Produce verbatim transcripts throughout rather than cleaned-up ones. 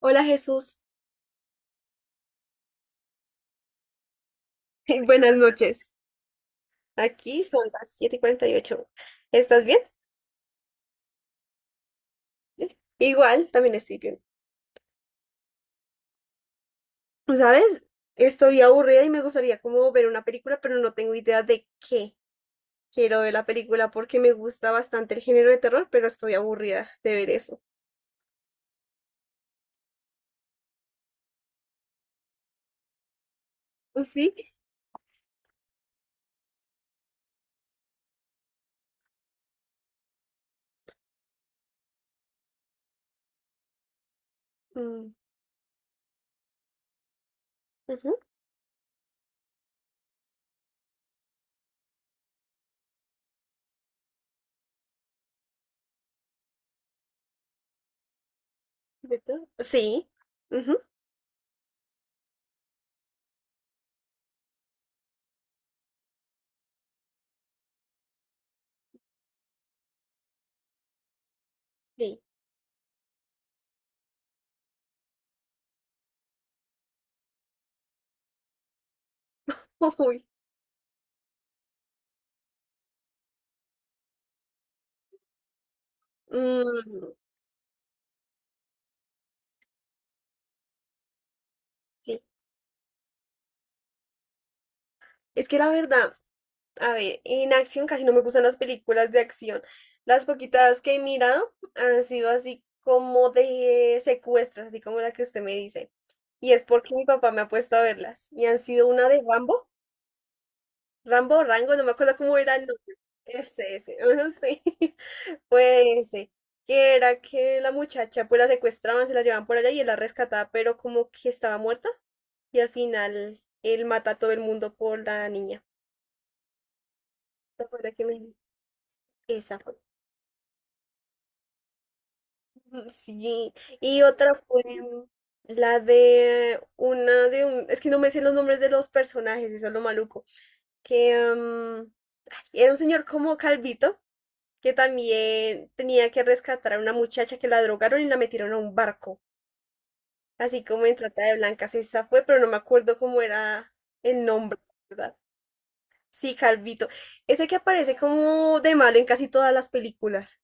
Hola, Jesús. Buenas noches. Aquí son las siete y y cuarenta y ocho. ¿Estás bien? Igual, también estoy bien. ¿Sabes? Estoy aburrida y me gustaría como ver una película, pero no tengo idea de qué quiero ver. La película porque me gusta bastante el género de terror, pero estoy aburrida de ver eso. ¿Sí? Mm, ujú, ¿de todo? Sí. Ujú. Sí. Uy, mm, sí. Es que la verdad, a ver, en acción casi no me gustan las películas de acción. Las poquitas que he mirado han sido así como de secuestros, así como la que usted me dice. Y es porque mi papá me ha puesto a verlas. Y han sido una de Rambo, Rambo o Rango, no me acuerdo cómo era el nombre. Ese, ese, ujú, sí. Fue ese. Que era que la muchacha pues la secuestraban, se la llevaban por allá y él la rescataba, pero como que estaba muerta. Y al final él mata a todo el mundo por la niña. ¿Te acuerdas que me... Esa. Mm. Sí, y otra fue la de una, de un, es que no me sé los nombres de los personajes, eso es lo maluco, que mm, era un señor como calvito que también tenía que rescatar a una muchacha que la drogaron y la metieron a un barco, así como en Trata de Blancas. Esa fue, pero no me acuerdo cómo era el nombre, ¿la verdad? Sí, calvito, ese que aparece como de malo en casi todas las películas.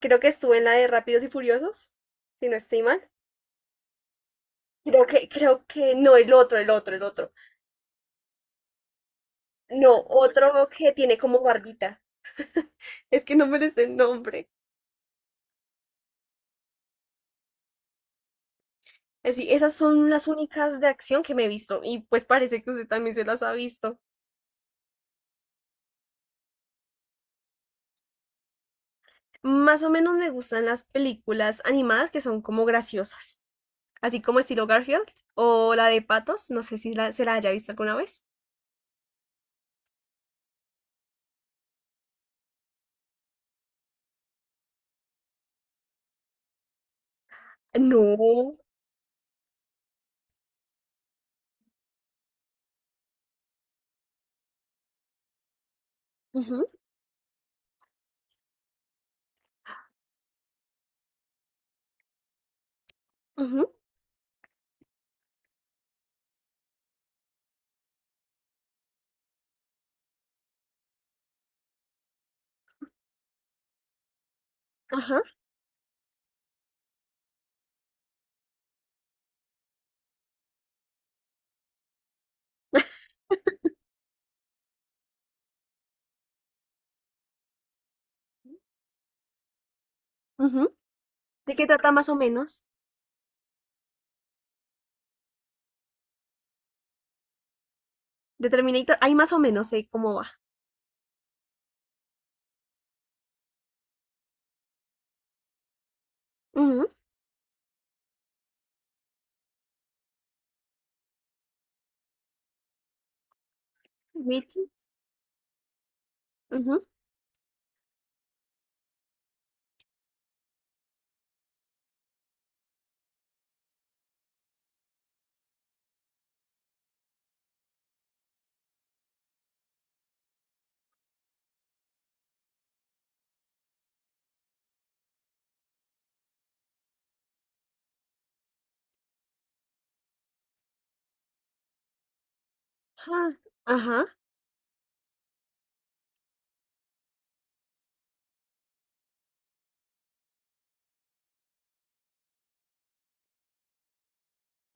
Creo que estuvo en la de Rápidos y Furiosos, si no estoy mal. Creo que, creo que, no, el otro, el otro, el otro. No, otro que tiene como barbita. Es que no me les el nombre. Así, esas son las únicas de acción que me he visto y pues parece que usted también se las ha visto. Más o menos me gustan las películas animadas que son como graciosas, así como estilo Garfield o la de Patos, no sé si la- se la haya visto alguna vez. No. Ujú, ujú, ajá, ujú. ¿De qué trata más o menos? De Terminator, ahí más o menos sé cómo va. Ujú. Mickey, ujú. Ah, ajá,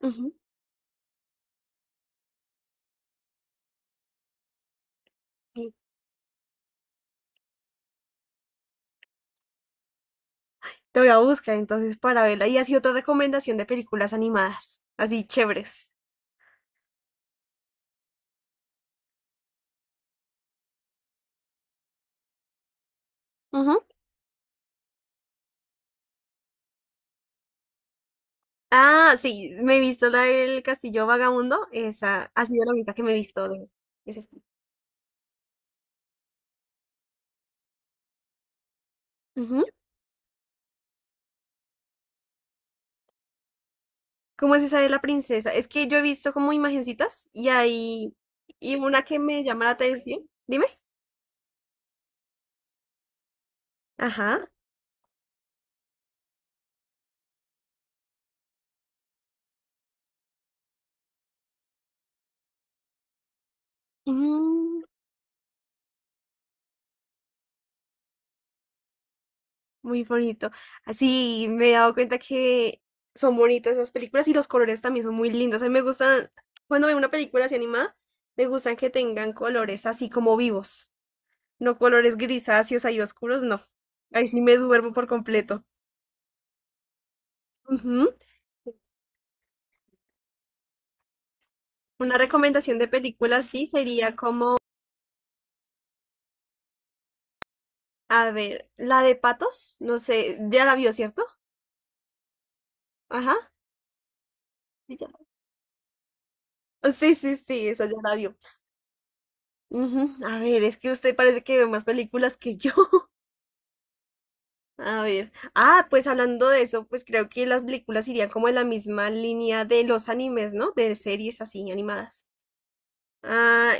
ujú, sí. Te voy a buscar entonces para verla. Y así otra recomendación de películas animadas, así chéveres. Ujú. Ah, sí, me he visto la del Castillo Vagabundo. Esa ha sido la única que me he visto de ese estilo. Ujú. ¿Cómo es esa de la princesa? Es que yo he visto como imagencitas y hay y una que me llama la atención. Dime. Ajá. Muy bonito. Así me he dado cuenta que son bonitas esas películas y los colores también son muy lindos. A mí me gustan, cuando veo una película así animada, me gustan que tengan colores así como vivos, no colores grisáceos ahí oscuros, no. Ahí sí me duermo por completo. Ujú. Una recomendación de película sí sería como, a ver, la de Patos, no sé, ya la vio, ¿cierto? Ajá. Sí, ya. Sí, sí, sí, esa ya la vio. Ujú. A ver, es que usted parece que ve más películas que yo. A ver, ah, pues hablando de eso, pues creo que las películas irían como en la misma línea de los animes, ¿no? De series así animadas. Ah,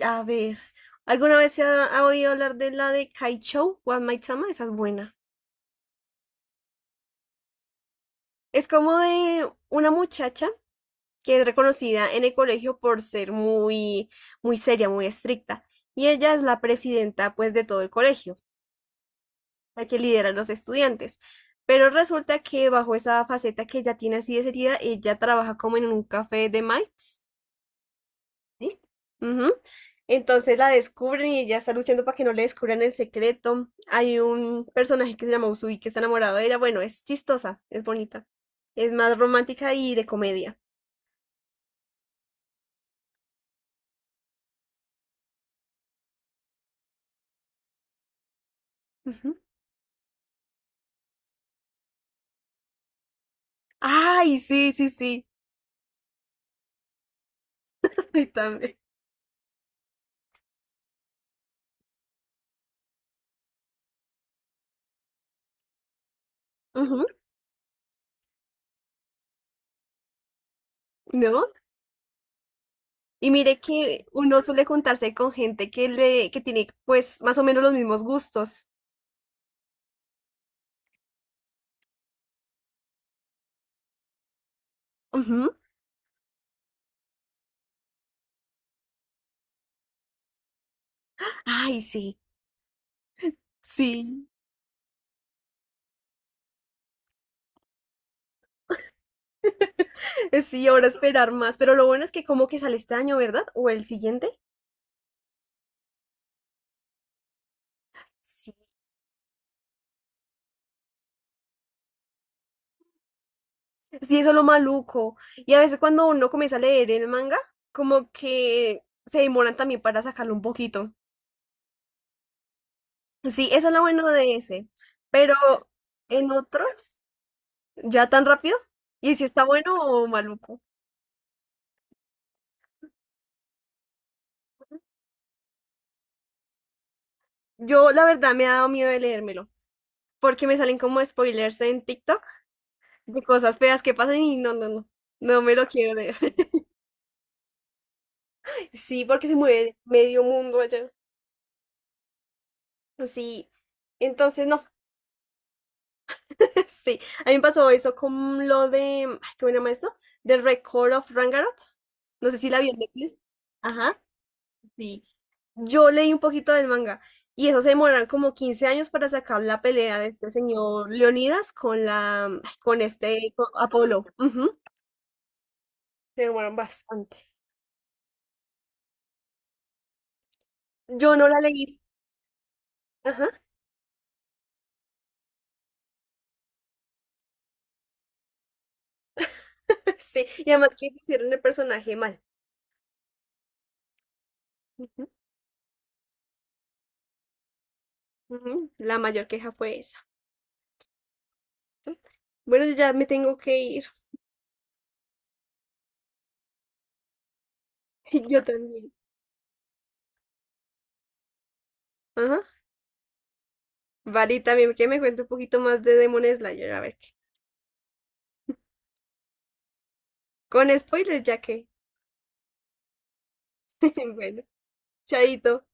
a ver, ¿alguna vez se ha, ha oído hablar de la de Kaichou One Might Sama? Esa es buena. Es como de una muchacha que es reconocida en el colegio por ser muy, muy seria, muy estricta. Y ella es la presidenta, pues, de todo el colegio, la que lidera a los estudiantes. Pero resulta que bajo esa faceta que ella tiene así de seria, ella trabaja como en un café de mites, ¿sí? Ujú. Entonces la descubren y ella está luchando para que no le descubran el secreto. Hay un personaje que se llama Usui que está enamorado de ella. Bueno, es chistosa, es bonita. Es más romántica y de comedia. Ujú. Ay, sí, sí, sí. Ay, también. Ujú. ¿No? Y mire que uno suele juntarse con gente que le, que tiene pues más o menos los mismos gustos. Ujú. Ay, sí, sí, sí, ahora esperar más. Pero lo bueno es que como que sale este año, ¿verdad? O el siguiente. Sí. Sí, eso es lo maluco. Y a veces cuando uno comienza a leer el manga, como que se demoran también para sacarlo un poquito. Sí, eso es lo bueno de ese. Pero en otros, ya tan rápido. Y si está bueno o maluco. Yo la verdad me ha dado miedo de leérmelo, porque me salen como spoilers en TikTok de cosas feas que pasan y no, no, no, no me lo quiero leer. Sí, porque se mueve medio mundo allá. Sí, entonces no, sí, a mí me pasó eso con lo de, ay, ¿cómo se llama esto? The Record of Rangarot. No sé si la vi en Netflix. Ajá, sí. Yo leí un poquito del manga y eso se demoran como quince años para sacar la pelea de este señor Leonidas con la, ay, con este, con Apolo. Ujú. Se demoran bastante. Yo no la leí. Ajá, sí, y además que pusieron el personaje mal. Ujú, ujú, la mayor queja fue esa. Bueno, yo ya me tengo que ir. Yo también. Ajá. Vale, y también que me cuente un poquito más de Demon Slayer, a ver qué. Con spoilers, ya que. Bueno, chaito.